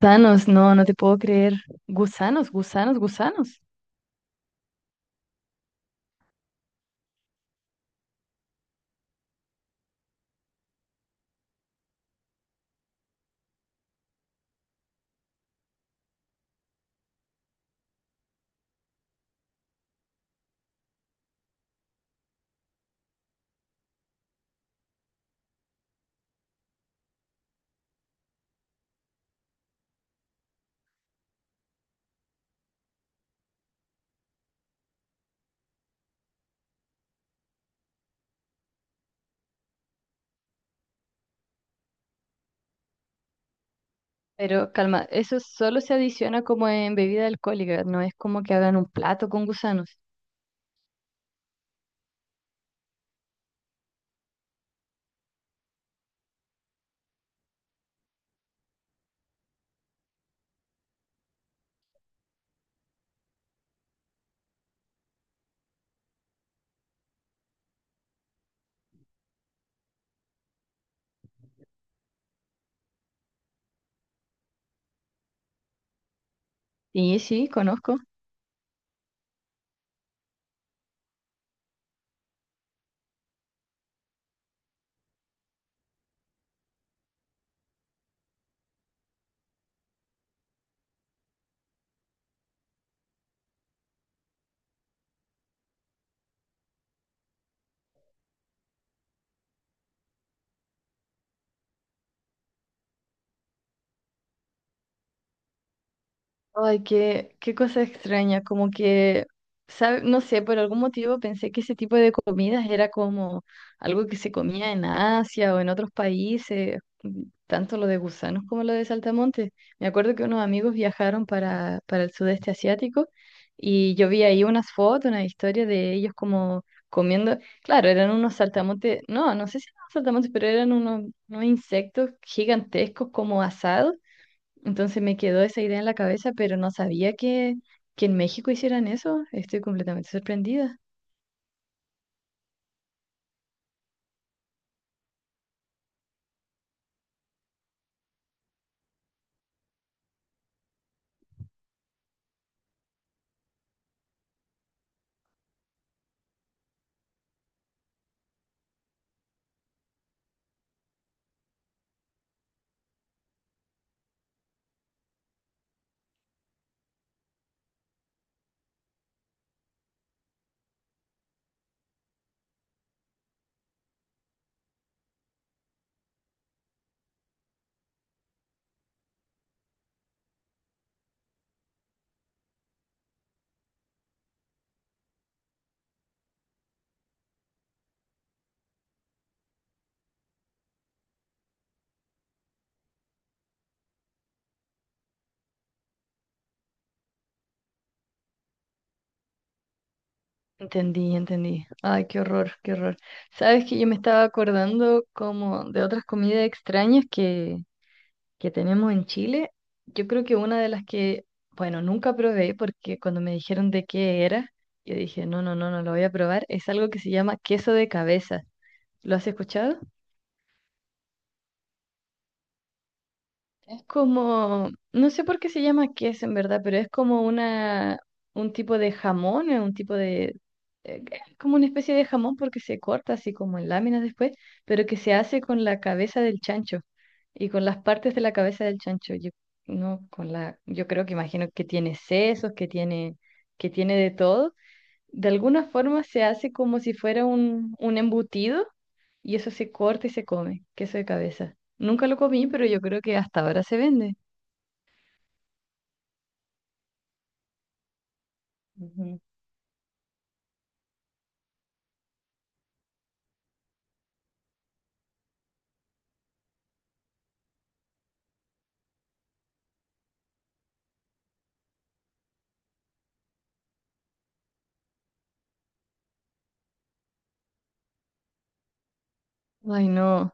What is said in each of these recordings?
Gusanos, no, no te puedo creer. Gusanos, gusanos, gusanos. Pero calma, eso solo se adiciona como en bebida alcohólica, no es como que hagan un plato con gusanos. Sí, sí, conozco. Ay, qué, qué cosa extraña, como que, no sé, por algún motivo pensé que ese tipo de comidas era como algo que se comía en Asia o en otros países, mm, tanto lo de gusanos como lo de saltamontes. Me acuerdo que unos amigos viajaron para el sudeste asiático y yo vi ahí unas fotos, una historia de ellos como comiendo, claro, eran unos saltamontes, no, no sé si eran saltamontes, pero eran unos insectos gigantescos como asados, entonces me quedó esa idea en la cabeza, pero no sabía que en México hicieran eso. Estoy completamente sorprendida. Entendí, entendí. Ay, qué horror, qué horror. Sabes que yo me estaba acordando como de otras comidas extrañas que tenemos en Chile. Yo creo que una de las que, bueno, nunca probé porque cuando me dijeron de qué era, yo dije, no, no, no, no lo voy a probar. Es algo que se llama queso de cabeza. ¿Lo has escuchado? Es como, no sé por qué se llama queso en verdad, pero es como un tipo de jamón, un tipo de, es como una especie de jamón porque se corta así como en láminas después, pero que se hace con la cabeza del chancho y con las partes de la cabeza del chancho. Yo, no, con la, yo creo que imagino que tiene sesos, que tiene de todo, de alguna forma se hace como si fuera un embutido y eso se corta y se come, queso de cabeza. Nunca lo comí, pero yo creo que hasta ahora se vende. Ujú. Ay, no.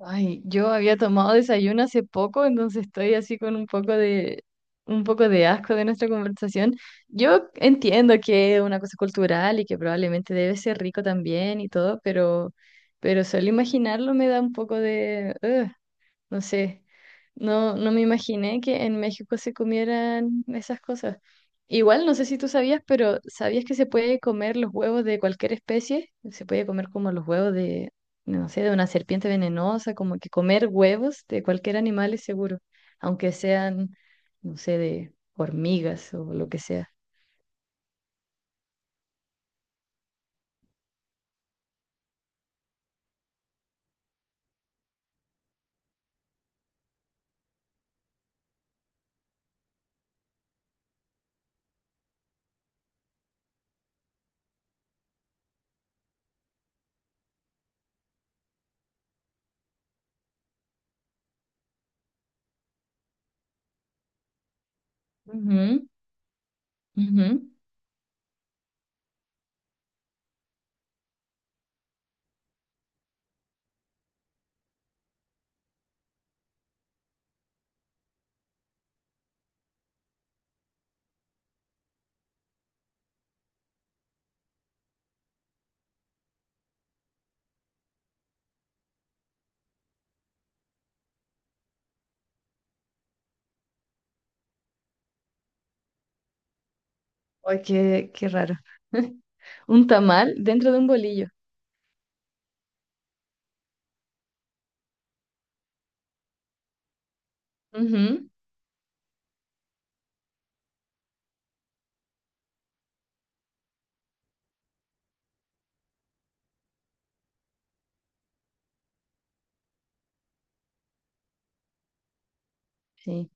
Ay, yo había tomado desayuno hace poco, entonces estoy así con un poco de asco de nuestra conversación. Yo entiendo que es una cosa cultural y que probablemente debe ser rico también y todo, pero solo imaginarlo me da un poco de ugh. No sé, no, no me imaginé que en México se comieran esas cosas. Igual, no sé si tú sabías, pero ¿sabías que se puede comer los huevos de cualquier especie? Se puede comer como los huevos de, no sé, de una serpiente venenosa, como que comer huevos de cualquier animal es seguro, aunque sean, no sé, de hormigas o lo que sea. Ujú, ujú. Ay, qué, qué raro. Un tamal dentro de un bolillo. Ujú, sí.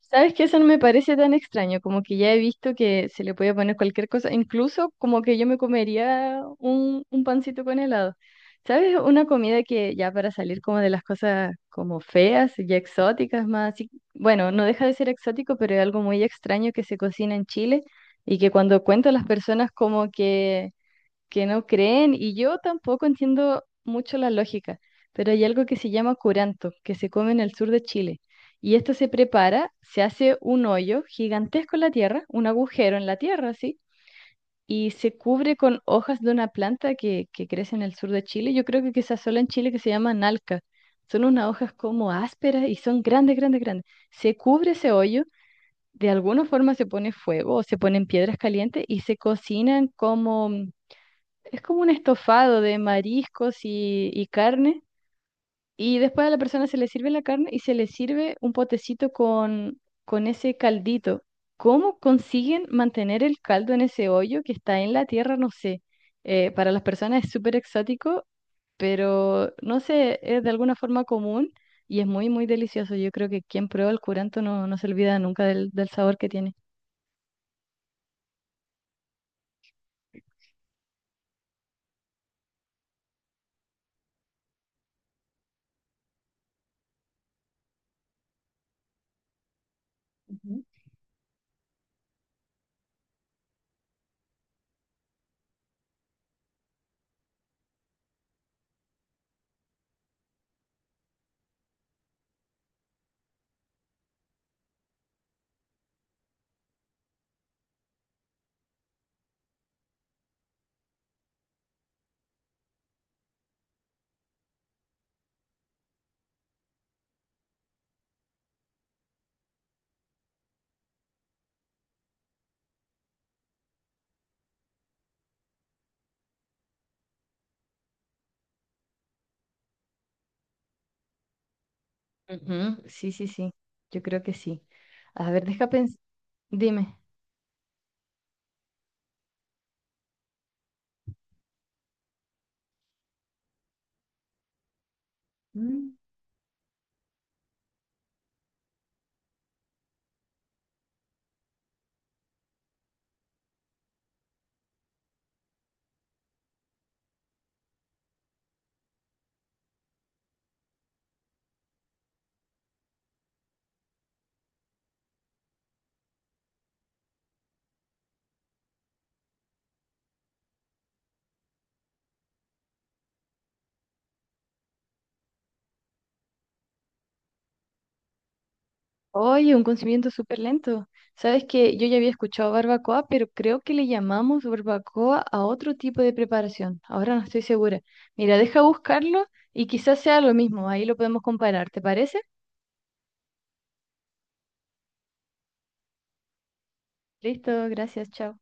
¿Sabes qué? Eso no me parece tan extraño, como que ya he visto que se le puede poner cualquier cosa, incluso como que yo me comería un pancito con helado. ¿Sabes? Una comida que ya para salir como de las cosas como feas y exóticas más, así- bueno, no deja de ser exótico, pero es algo muy extraño que se cocina en Chile y que cuando cuento a las personas como que no creen y yo tampoco entiendo mucho la lógica, pero hay algo que se llama curanto, que se come en el sur de Chile. Y esto se prepara, se hace un hoyo gigantesco en la tierra, un agujero en la tierra, ¿sí? Y se cubre con hojas de una planta que crece en el sur de Chile. Yo creo que quizás solo en Chile que se llama nalca. Son unas hojas como ásperas y son grandes, grandes, grandes. Se cubre ese hoyo, de alguna forma se pone fuego o se ponen piedras calientes y se cocinan como, es como un estofado de mariscos y carne. Y después a la persona se le sirve la carne y se le sirve un potecito con ese caldito. ¿Cómo consiguen mantener el caldo en ese hoyo que está en la tierra? No sé. Para las personas es súper exótico, pero no sé, es de alguna forma común y es muy, muy delicioso. Yo creo que quien prueba el curanto no, no se olvida nunca del, del sabor que tiene. Ujú. Ujú, sí, sí, sí. Yo creo que sí. A ver, deja pensar. Dime. Mm. Oye, un conocimiento súper lento. Sabes que yo ya había escuchado barbacoa, pero creo que le llamamos barbacoa a otro tipo de preparación. Ahora no estoy segura. Mira, deja buscarlo y quizás sea lo mismo. Ahí lo podemos comparar. ¿Te parece? Listo, gracias, chao.